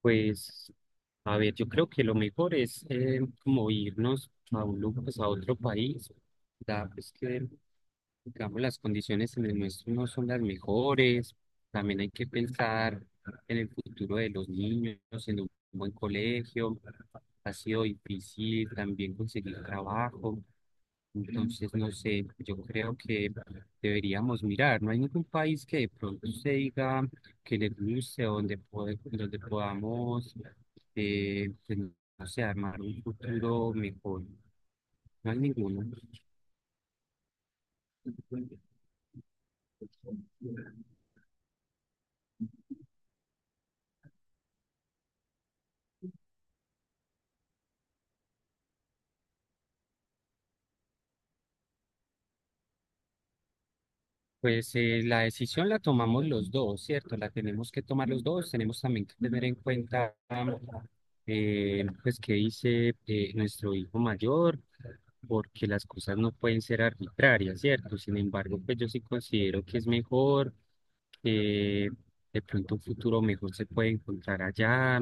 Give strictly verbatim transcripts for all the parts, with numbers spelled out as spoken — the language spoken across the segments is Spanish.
Pues, a ver, yo creo que lo mejor es eh, como irnos a un lugar, pues a otro país, da pues que, digamos, las condiciones en el nuestro no son las mejores, también hay que pensar en el futuro de los niños, en un buen colegio, ha sido difícil también conseguir trabajo, entonces, no sé, yo creo que deberíamos mirar. No hay ningún país que de pronto se diga que le guste, donde, pode- donde podamos, eh, pues, no sé, armar un futuro mejor. No hay ninguno. Pues eh, la decisión la tomamos los dos, ¿cierto? La tenemos que tomar los dos. Tenemos también que tener en cuenta, am, eh, pues, qué dice eh, nuestro hijo mayor porque las cosas no pueden ser arbitrarias, ¿cierto? Sin embargo, pues yo sí considero que es mejor, que de pronto un futuro mejor se puede encontrar allá,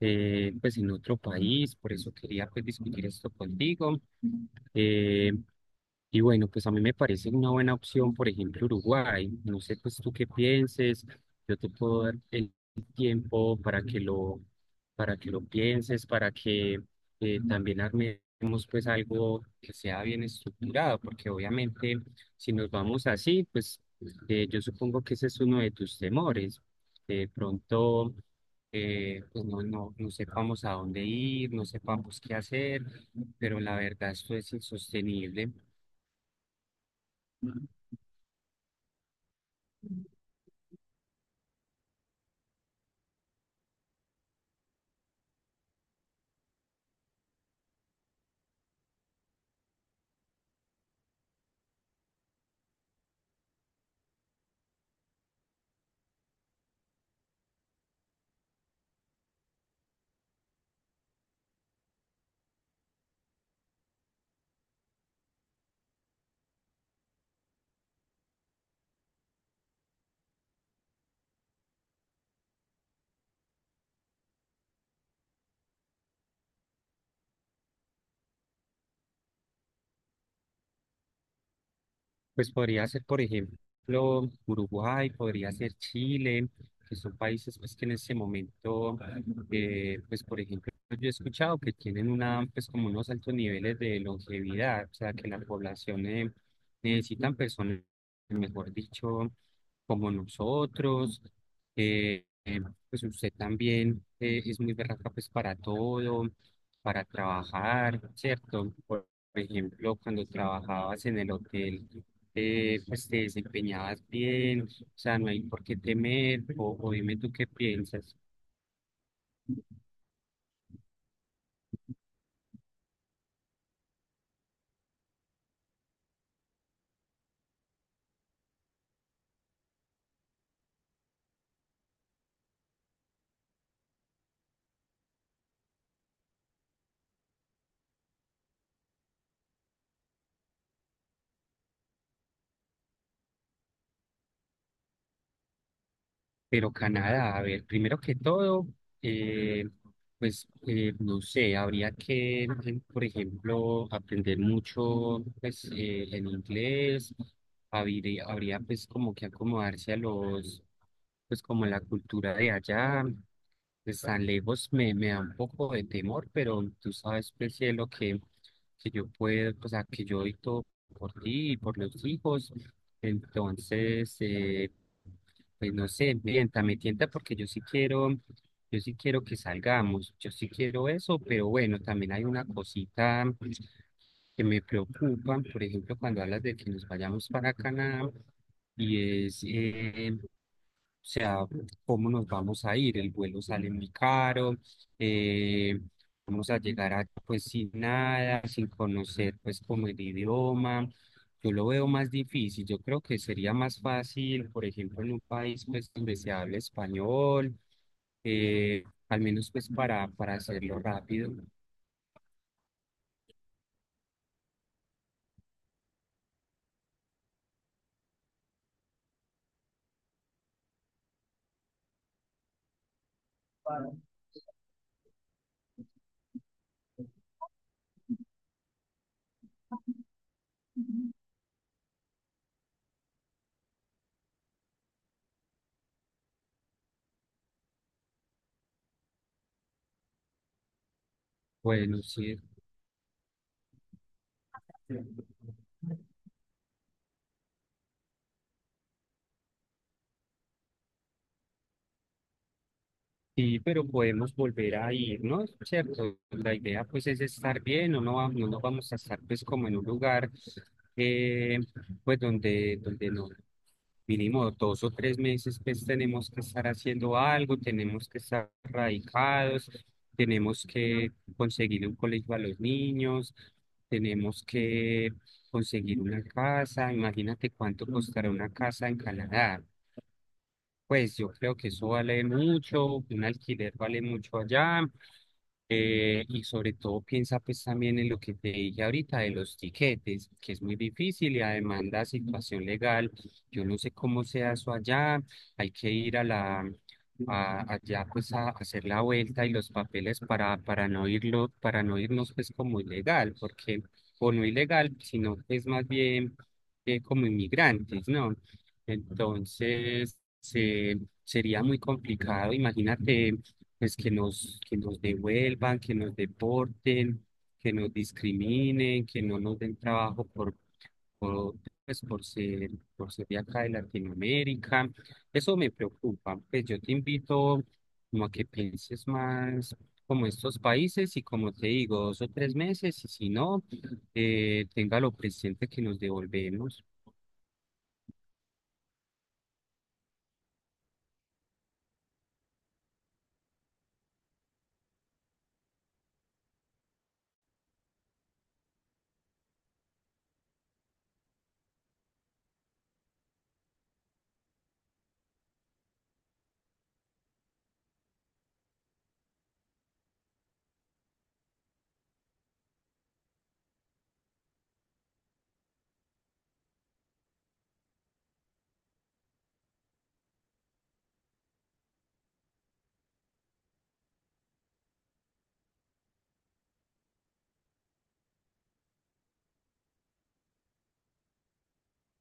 eh, pues en otro país, por eso quería pues discutir esto contigo. Eh, y bueno, pues a mí me parece una buena opción, por ejemplo, Uruguay. No sé, pues tú qué pienses. Yo te puedo dar el tiempo para que lo, para que lo pienses, para que eh, también armemos pues algo que sea bien estructurado, porque obviamente si nos vamos así, pues eh, yo supongo que ese es uno de tus temores. De pronto, eh, pues no, no, no sepamos a dónde ir, no sepamos qué hacer, pero la verdad esto es insostenible. Pues podría ser, por ejemplo, Uruguay, podría ser Chile, que son países pues, que en ese momento, eh, pues por ejemplo, yo he escuchado que tienen una, pues como unos altos niveles de longevidad, o sea, que la población eh, necesitan personas, mejor dicho, como nosotros. eh, eh, pues usted también eh, es muy berraca pues para todo, para trabajar, ¿cierto? Por ejemplo, cuando trabajabas en el hotel eh, pues te desempeñabas bien, o sea, no hay por qué temer, o, o dime tú qué piensas. Pero Canadá, a ver, primero que todo, eh, pues eh, no sé, habría que, eh, por ejemplo, aprender mucho pues, eh, en inglés, habría, habría pues como que acomodarse a los, pues como la cultura de allá. Pues tan lejos me, me da un poco de temor, pero tú sabes, pues, cielo, que, que yo puedo, o sea, que yo doy todo por ti y por los hijos. Entonces, eh, pues no sé, me tienta, me tienta porque yo sí quiero, yo sí quiero que salgamos, yo sí quiero eso, pero bueno, también hay una cosita que me preocupa, por ejemplo, cuando hablas de que nos vayamos para Canadá, y es eh, o sea, ¿cómo nos vamos a ir? El vuelo sale muy caro, eh, vamos a llegar a, pues sin nada, sin conocer pues como el idioma. Yo lo veo más difícil, yo creo que sería más fácil, por ejemplo, en un país pues donde se hable español, eh, al menos pues para, para hacerlo rápido. Bueno, sí, sí, pero podemos volver a ir, ¿no? ¿Cierto? La idea pues es estar bien, no, no, va- no nos vamos a estar pues como en un lugar eh, pues donde, donde no, mínimo dos o tres meses, pues tenemos que estar haciendo algo, tenemos que estar radicados, tenemos que conseguir un colegio a los niños, tenemos que conseguir una casa, imagínate cuánto costará una casa en Canadá. Pues yo creo que eso vale mucho, un alquiler vale mucho allá, eh, y sobre todo piensa pues también en lo que te dije ahorita de los tiquetes, que es muy difícil y además la situación legal, yo no sé cómo sea eso allá, hay que ir a la a- allá pues a hacer la vuelta y los papeles para para no irlo, para no irnos pues como ilegal, porque o no ilegal, sino es más bien eh, como inmigrantes, ¿no? Entonces, se- sería muy complicado, imagínate pues que nos, que nos devuelvan, que nos deporten, que nos discriminen, que no nos den trabajo por, por, pues, por ser, por ser de acá de Latinoamérica. Eso me preocupa. Pues yo te invito como a que pienses más como estos países y como te digo, dos o tres meses y si no, eh, téngalo presente que nos devolvemos.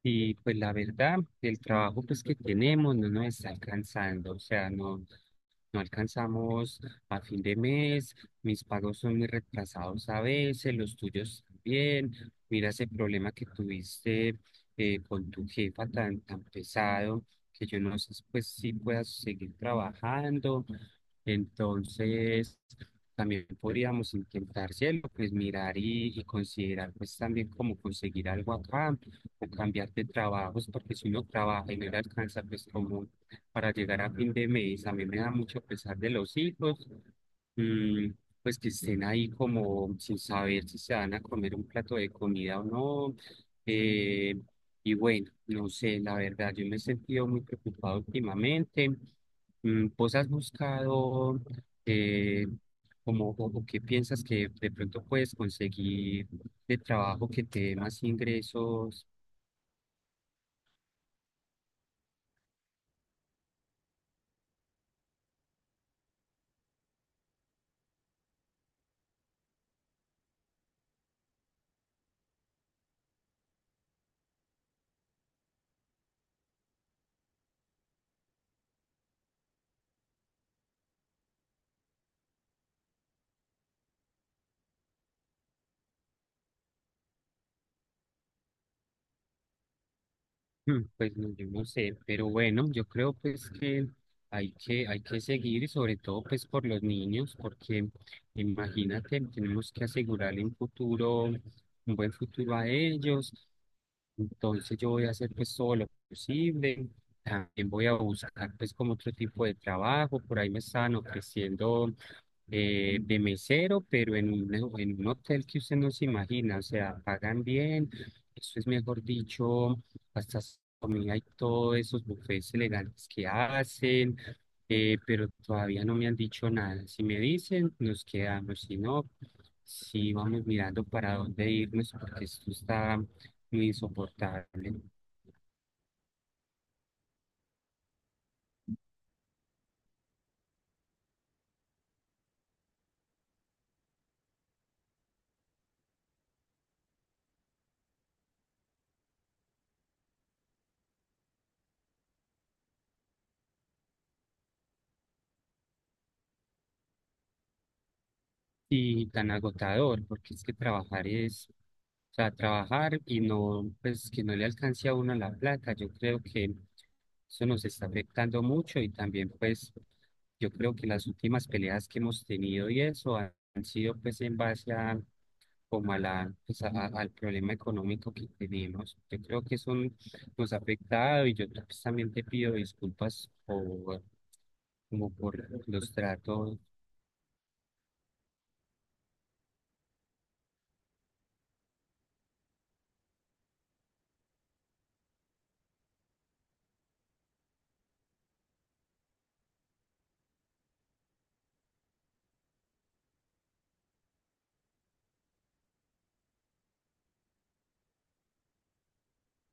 Y pues la verdad, el trabajo pues que tenemos no nos está alcanzando, o sea, no, no alcanzamos a fin de mes, mis pagos son muy retrasados a veces, los tuyos también. Mira ese problema que tuviste eh, con tu jefa tan, tan pesado, que yo no sé pues si puedas seguir trabajando entonces, también podríamos intentar, cielo, pues mirar y, y considerar, pues también cómo conseguir algo acá o cambiar de trabajos, porque si uno trabaja y no le alcanza, pues como para llegar a fin de mes, a mí me da mucho pesar de los hijos. Mm, pues que estén ahí como sin saber si se van a comer un plato de comida o no. Eh, y bueno, no sé, la verdad, yo me he sentido muy preocupado últimamente. Mm, ¿vos has buscado eh, como o, o qué piensas que de pronto puedes conseguir de trabajo que te dé más ingresos? Mm, pues no, yo no sé, pero bueno, yo creo pues que hay que, hay que seguir, y sobre todo pues por los niños, porque imagínate, tenemos que asegurarle un futuro, un buen futuro a ellos. Entonces yo voy a hacer pues todo lo posible. También voy a buscar pues como otro tipo de trabajo. Por ahí me estaban ofreciendo eh, de mesero, pero en un, en un hotel que usted no se imagina. O sea, pagan bien. Eso es mejor dicho, hasta su comida y todos esos buffets legales que hacen, eh, pero todavía no me han dicho nada. Si me dicen, nos quedamos, si no, sí vamos mirando para dónde irnos, porque esto está muy insoportable. Y tan agotador, porque es que trabajar es, o sea, trabajar y no, pues que no le alcance a uno la plata, yo creo que eso nos está afectando mucho y también pues yo creo que las últimas peleas que hemos tenido y eso han han sido pues en base a como a la, pues, a- a- al problema económico que tenemos. Yo creo que eso nos ha afectado y yo pues, también te pido disculpas por, como por los tratos.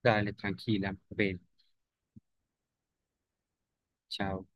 Dale, tranquila, ven, chao.